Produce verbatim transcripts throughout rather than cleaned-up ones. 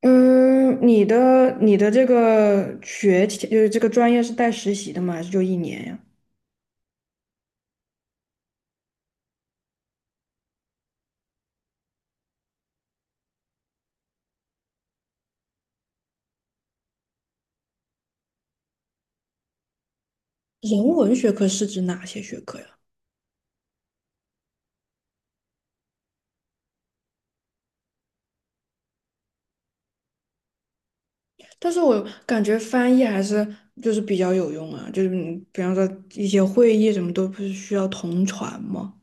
嗯，你的你的这个学期就是这个专业是带实习的吗？还是就一年呀？人文学科是指哪些学科呀？但是我感觉翻译还是就是比较有用啊，就是你比方说一些会议什么都不是需要同传吗？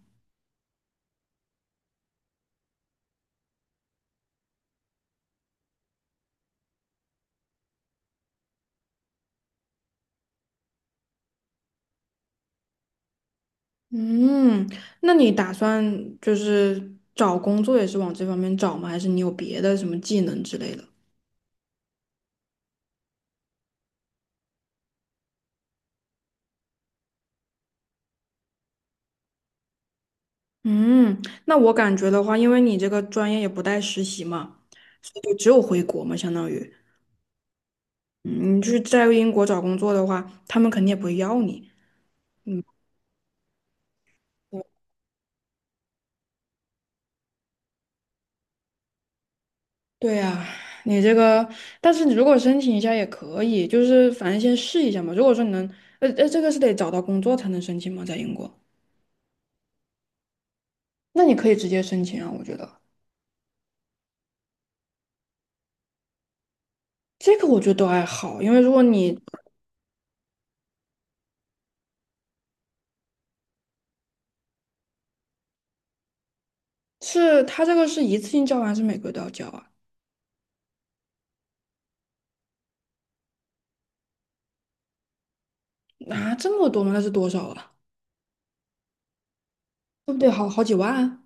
嗯，那你打算就是找工作也是往这方面找吗？还是你有别的什么技能之类的？嗯，那我感觉的话，因为你这个专业也不带实习嘛，所以就只有回国嘛，相当于。嗯，你去在英国找工作的话，他们肯定也不会要你。嗯，对呀，你这个，但是你如果申请一下也可以，就是反正先试一下嘛。如果说你能，呃呃，这个是得找到工作才能申请吗？在英国，那你可以直接申请啊，我觉得这个我觉得都还好，因为如果你是他这个是一次性交完，还是每个月都要交啊？啊，这么多吗？那是多少啊？对不得好好几万啊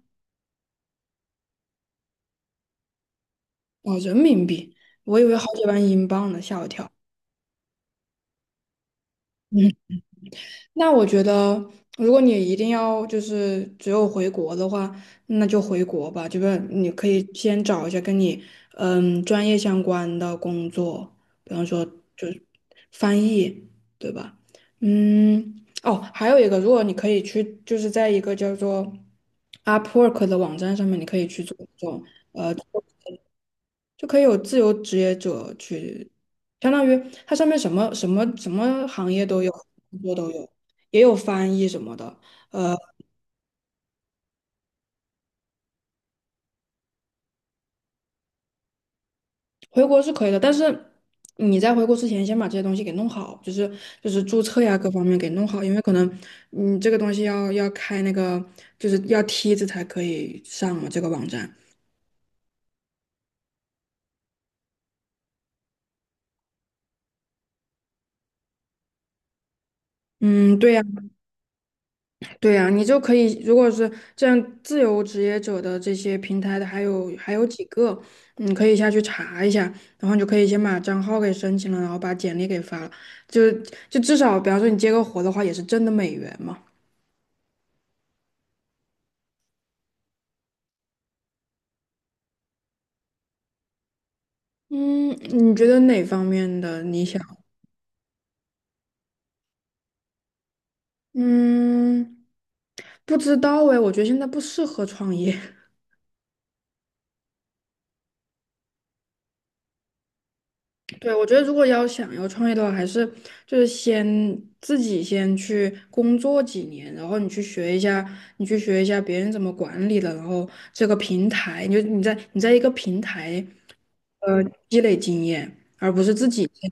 哦，人民币，我以为好几万英镑呢，吓我一跳。那我觉得，如果你一定要就是只有回国的话，那就回国吧。就是你可以先找一下跟你嗯专业相关的工作，比方说就是翻译，对吧？嗯，哦，还有一个，如果你可以去，就是在一个叫做 Upwork 的网站上面，你可以去做这种。呃。就可以有自由职业者去，相当于它上面什么什么什么行业都有，工作都有，也有翻译什么的。回国是可以的，但是你在回国之前先把这些东西给弄好，就是就是注册呀各方面给弄好，因为可能你这个东西要要开那个就是要梯子才可以上嘛，这个网站。嗯，对呀。对呀，你就可以，如果是这样自由职业者的这些平台的，还有还有几个，你可以下去查一下，然后你就可以先把账号给申请了，然后把简历给发了，就就至少，比方说你接个活的话，也是挣的美元嘛。嗯，你觉得哪方面的你想？嗯，不知道哎，我觉得现在不适合创业。对，我觉得如果要想要创业的话，还是就是先自己先去工作几年，然后你去学一下，你去学一下别人怎么管理的，然后这个平台，你就你在你在一个平台，呃，积累经验，而不是自己先。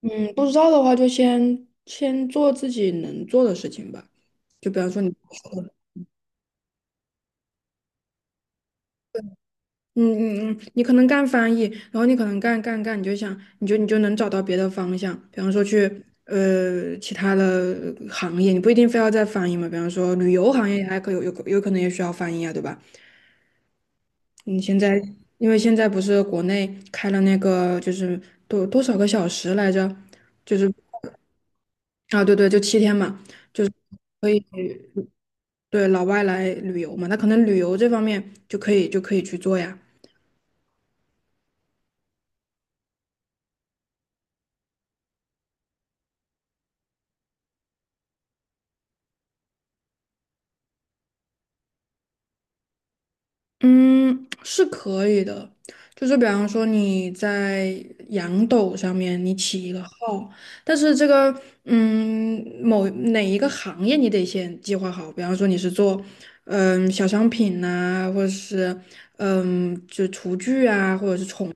嗯，不知道的话就先先做自己能做的事情吧，就比方说你。嗯嗯嗯，你可能干翻译，然后你可能干干干，你就想，你就你就能找到别的方向，比方说去呃其他的呃行业，你不一定非要在翻译嘛，比方说旅游行业还可有有有可能也需要翻译啊，对吧？你现在因为现在不是国内开了那个就是多多少个小时来着，就是啊对对，就七天嘛，所以对老外来旅游嘛，那可能旅游这方面就可以就可以去做呀。嗯，是可以的，就是比方说你在羊斗上面你起一个号，但是这个嗯某哪一个行业你得先计划好，比方说你是做嗯小商品呐、或者是嗯就厨具啊，或者是宠。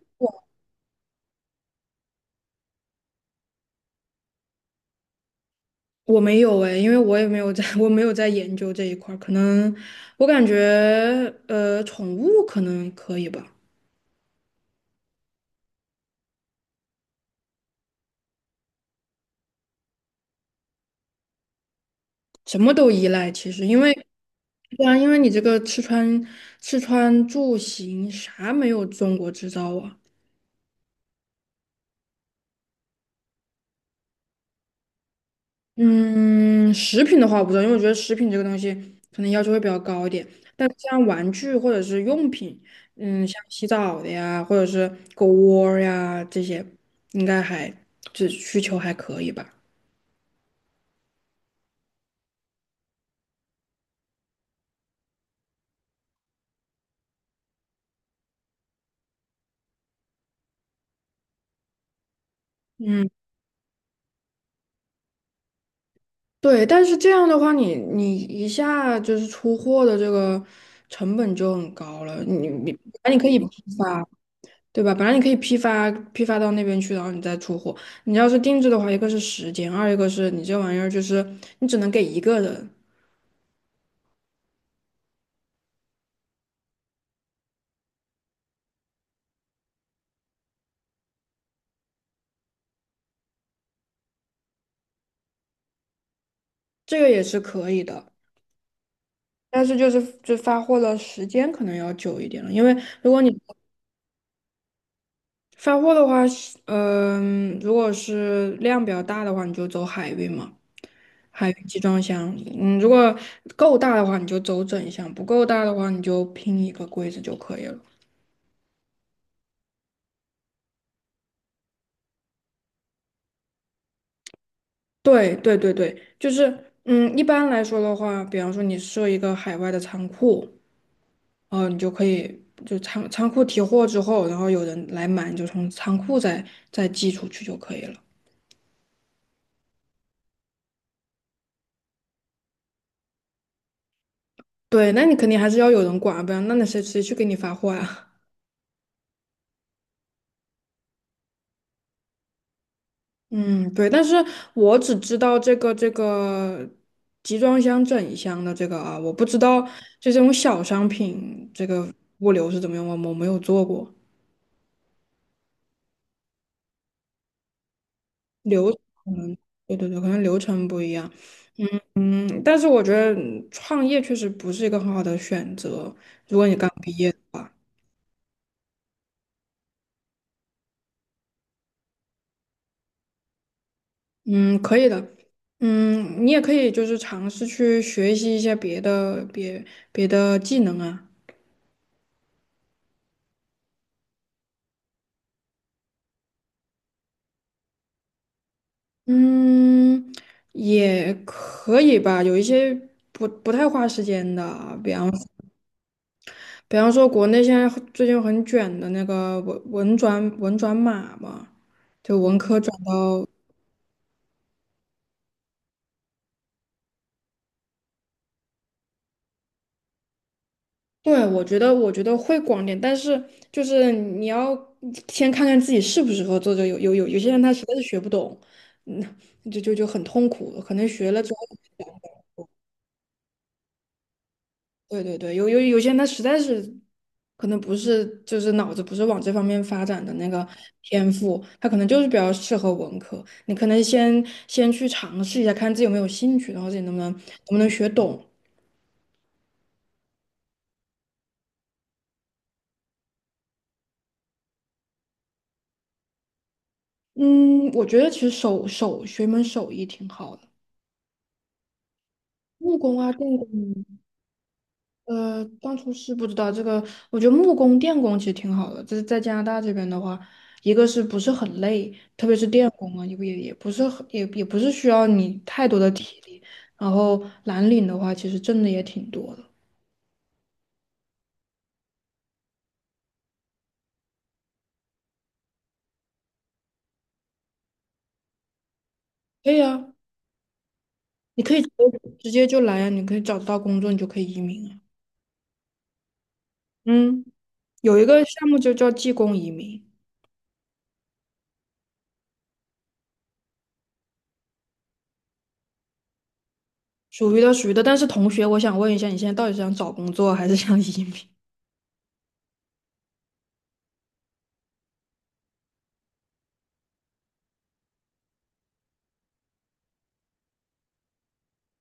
我没有哎，因为我也没有在，我没有在研究这一块儿，可能我感觉呃宠物可能可以吧。什么都依赖，其实因为对啊，因为你这个吃穿吃穿住行啥没有中国制造啊。嗯，食品的话我不知道，因为我觉得食品这个东西可能要求会比较高一点。但是像玩具或者是用品，嗯，像洗澡的呀，或者是狗窝儿呀这些，应该还这需求还可以吧。嗯。对，但是这样的话你，你一下就是出货的这个成本就很高了。你你本来你可以批发，对吧？本来你可以批发批发到那边去，然后你再出货。你要是定制的话，一个是时间，二一个是你这玩意儿就是你只能给一个人，这个也是可以的。但是就是就发货的时间可能要久一点了，因为如果你发货的话，嗯、如果是量比较大的话，你就走海运嘛。还有集装箱嗯，如果够大的话，你就走整箱；不够大的话，你就拼一个柜子就可以了。对对对对，就是嗯，一般来说的话，比方说你设一个海外的仓库，呃，你就可以就仓仓库提货之后，然后有人来买，你就从仓库再再寄出去就可以了。对，那你肯定还是要有人管啊，不然那那谁谁去给你发货啊？嗯，对，但是我只知道这个这个集装箱整一箱的这个啊，我不知道就这种小商品这个物流是怎么样，我我没有做过，流可能对对对，可能流程不一样。嗯，但是我觉得嗯创业确实不是一个很好的选择，如果你刚毕业的话，嗯，可以的。嗯，你也可以就是尝试去学习一些别的别别的技能啊。嗯，也可以吧，有一些不不太花时间的，比方比方说国内现在很最近很卷的那个文文转文转码嘛，就文科转到，对，我觉得我觉得会广点，但是就是你要先看看自己适不适合做这个，有有有有些人他实在是学不懂，那就就就很痛苦，可能学了之后。对对对，有有有些人他实在是可能不是就是脑子不是往这方面发展的那个天赋，他可能就是比较适合文科。你可能先先去尝试一下，看自己有没有兴趣，然后自己能不能能不能学懂。嗯，我觉得其实手手学一门手艺挺好的，木工啊、电工呃，当初是不知道这个，我觉得木工、电工其实挺好的。就是在加拿大这边的话，一个是不是很累，特别是电工啊，也不也也不是很也也不是需要你太多的体力。然后蓝领的话，其实挣的也挺多的。可以啊，你可以直接直接就来啊，你可以找得到工作，你就可以移民啊。嗯，有一个项目就叫技工移民，属于的属于的。但是同学，我想问一下，你现在到底是想找工作还是想移民？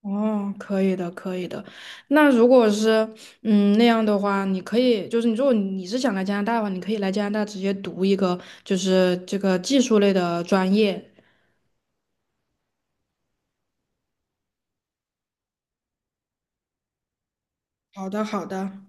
哦，可以的，可以的。那如果是嗯那样的话，你可以就是你如果你是想来加拿大的话，你可以来加拿大直接读一个就是这个技术类的专业。好的，好的。